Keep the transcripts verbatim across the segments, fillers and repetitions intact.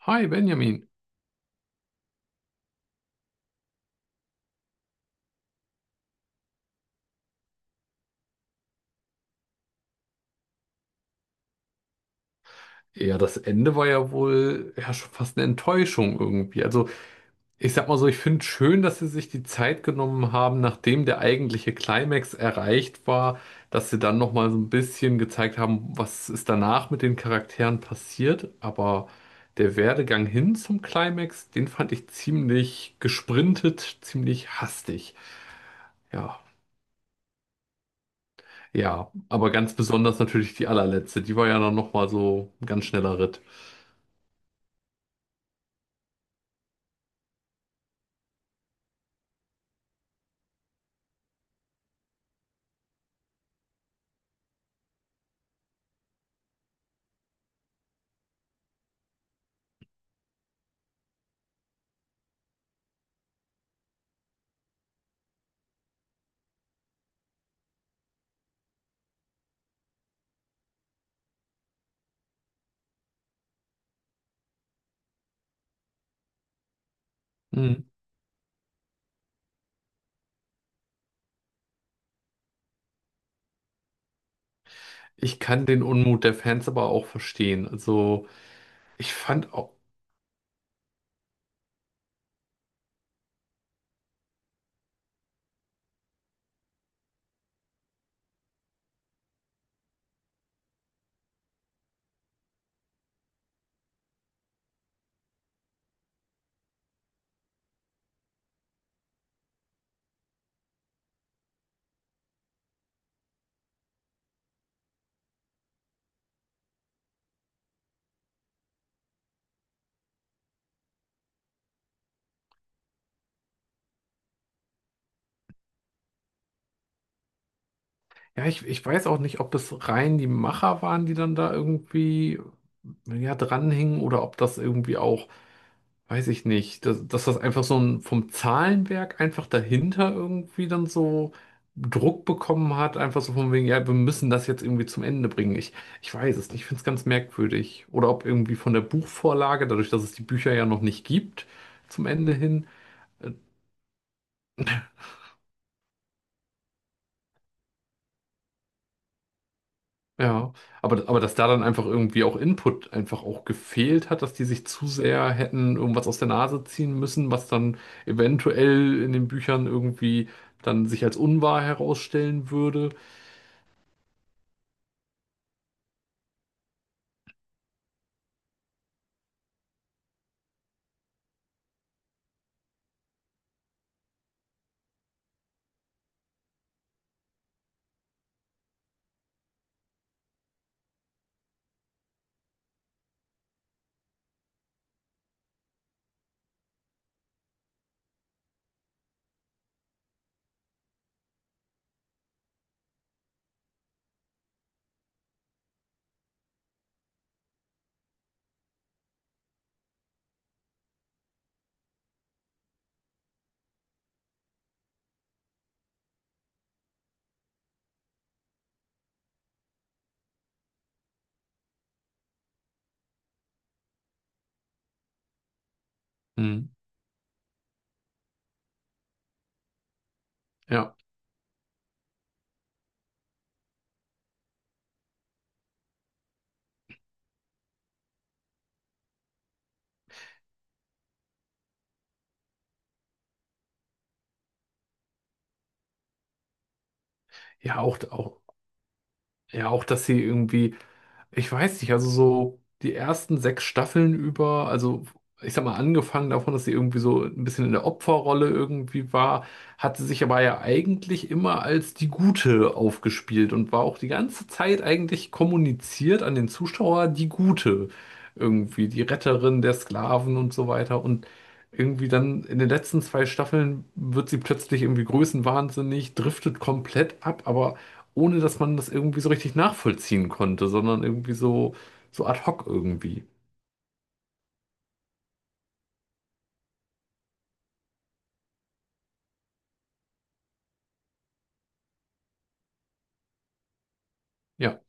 Hi Benjamin. Ja, das Ende war ja wohl ja schon fast eine Enttäuschung irgendwie. Also ich sag mal so, ich finde schön, dass sie sich die Zeit genommen haben, nachdem der eigentliche Climax erreicht war, dass sie dann noch mal so ein bisschen gezeigt haben, was ist danach mit den Charakteren passiert. Aber der Werdegang hin zum Climax, den fand ich ziemlich gesprintet, ziemlich hastig. Ja, ja. Aber ganz besonders natürlich die allerletzte. Die war ja dann noch mal so ein ganz schneller Ritt. Hm. Ich kann den Unmut der Fans aber auch verstehen. Also, ich fand auch, ja, ich, ich weiß auch nicht, ob es rein die Macher waren, die dann da irgendwie, ja, dranhingen oder ob das irgendwie auch, weiß ich nicht, dass, dass das einfach so ein, vom Zahlenwerk einfach dahinter irgendwie dann so Druck bekommen hat, einfach so von wegen, ja, wir müssen das jetzt irgendwie zum Ende bringen. Ich, ich weiß es nicht, ich finde es ganz merkwürdig. Oder ob irgendwie von der Buchvorlage, dadurch, dass es die Bücher ja noch nicht gibt, zum Ende hin. Ja, aber, aber dass da dann einfach irgendwie auch Input einfach auch gefehlt hat, dass die sich zu sehr hätten irgendwas aus der Nase ziehen müssen, was dann eventuell in den Büchern irgendwie dann sich als unwahr herausstellen würde. Hm. Ja, ja, auch, auch, ja, auch, dass sie irgendwie Ich weiß nicht, also so die ersten sechs Staffeln über, also ich sag mal, angefangen davon, dass sie irgendwie so ein bisschen in der Opferrolle irgendwie war, hat sie sich aber ja eigentlich immer als die Gute aufgespielt und war auch die ganze Zeit eigentlich kommuniziert an den Zuschauer die Gute. Irgendwie die Retterin der Sklaven und so weiter. Und irgendwie dann in den letzten zwei Staffeln wird sie plötzlich irgendwie größenwahnsinnig, driftet komplett ab, aber ohne dass man das irgendwie so richtig nachvollziehen konnte, sondern irgendwie so, so ad hoc irgendwie. Ja,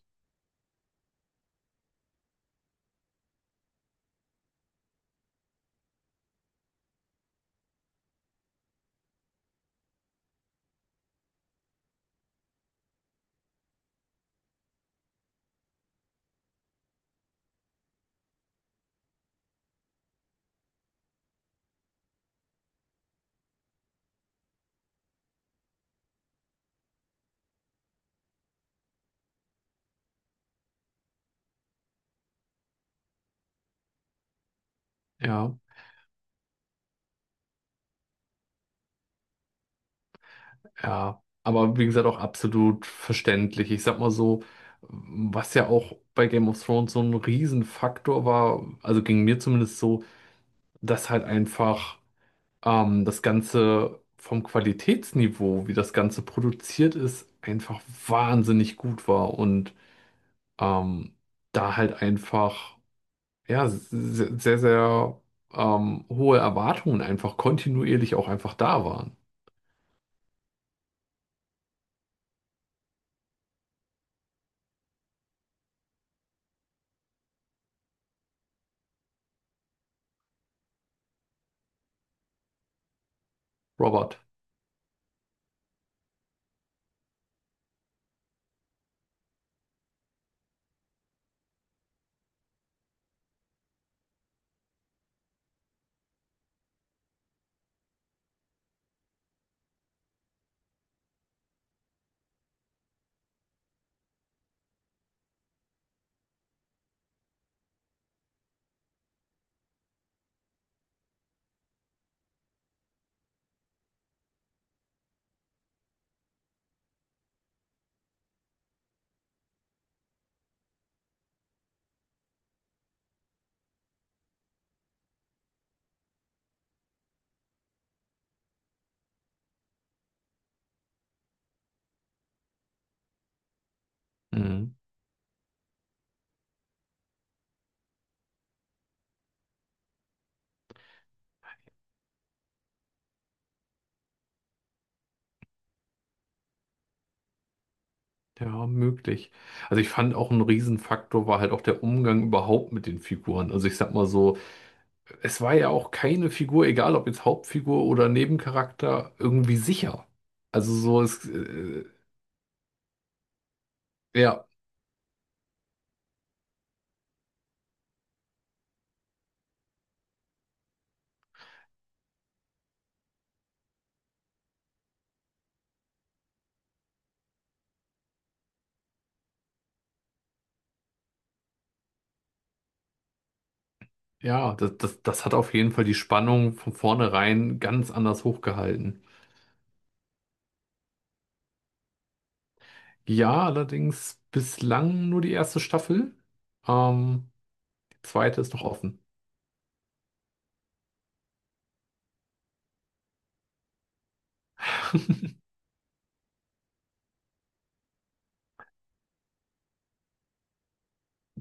ja, ja. Aber wie gesagt, auch absolut verständlich. Ich sag mal so, was ja auch bei Game of Thrones so ein Riesenfaktor war, also ging mir zumindest so, dass halt einfach ähm, das Ganze vom Qualitätsniveau, wie das Ganze produziert ist, einfach wahnsinnig gut war und ähm, da halt einfach. Ja, se- sehr, sehr ähm, hohe Erwartungen einfach kontinuierlich auch einfach da waren. Robert. Mhm. Ja, möglich. Also ich fand auch ein Riesenfaktor war halt auch der Umgang überhaupt mit den Figuren. Also ich sag mal so, es war ja auch keine Figur, egal ob jetzt Hauptfigur oder Nebencharakter, irgendwie sicher. Also so ist, äh, ja, ja, das, das, das hat auf jeden Fall die Spannung von vornherein ganz anders hochgehalten. Ja, allerdings bislang nur die erste Staffel. Ähm, die zweite ist noch offen.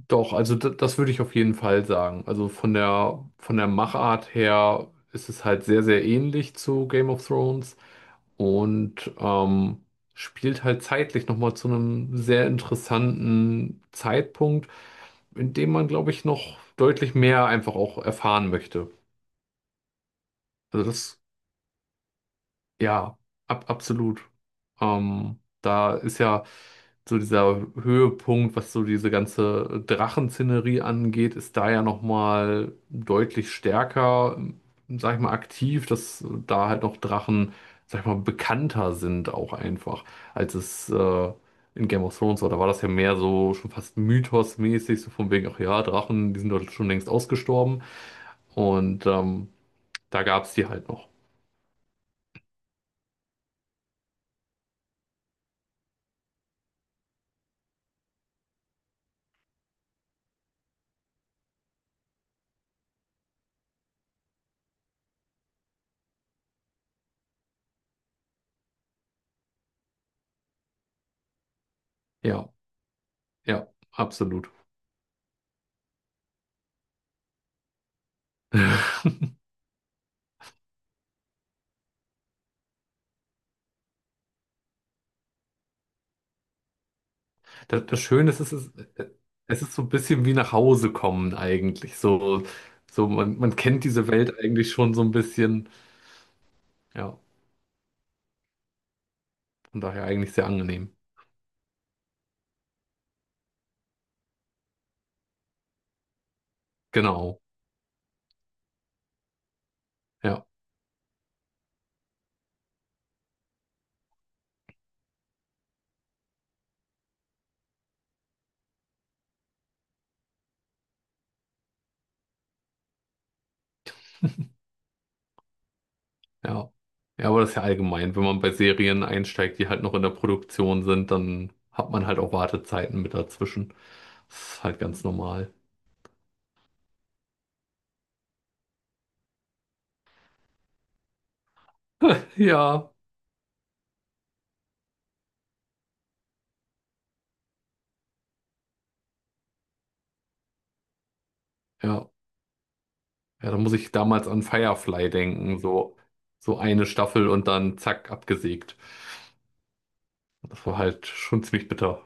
Doch, also d- das würde ich auf jeden Fall sagen. Also von der von der Machart her ist es halt sehr, sehr ähnlich zu Game of Thrones und ähm, spielt halt zeitlich nochmal zu einem sehr interessanten Zeitpunkt, in dem man, glaube ich, noch deutlich mehr einfach auch erfahren möchte. Also das. Ja, ab, absolut. Ähm, da ist ja so dieser Höhepunkt, was so diese ganze Drachenszenerie angeht, ist da ja nochmal deutlich stärker, hm, sag ich mal, aktiv, dass da halt noch Drachen, sag ich mal, bekannter sind auch einfach, als es äh, in Game of Thrones war. Da war das ja mehr so schon fast mythosmäßig, so von wegen, ach ja, Drachen, die sind doch schon längst ausgestorben. Und ähm, da gab es die halt noch. Ja, ja, absolut. Das, das Schöne ist, es ist, es ist so ein bisschen wie nach Hause kommen eigentlich. So, so, man, man kennt diese Welt eigentlich schon so ein bisschen. Ja, von daher eigentlich sehr angenehm. Genau, ja, ja. Ja, aber das ist ja allgemein. Wenn man bei Serien einsteigt, die halt noch in der Produktion sind, dann hat man halt auch Wartezeiten mit dazwischen. Das ist halt ganz normal. Ja, ja. Ja, da muss ich damals an Firefly denken. So, so eine Staffel und dann zack, abgesägt. Das war halt schon ziemlich bitter.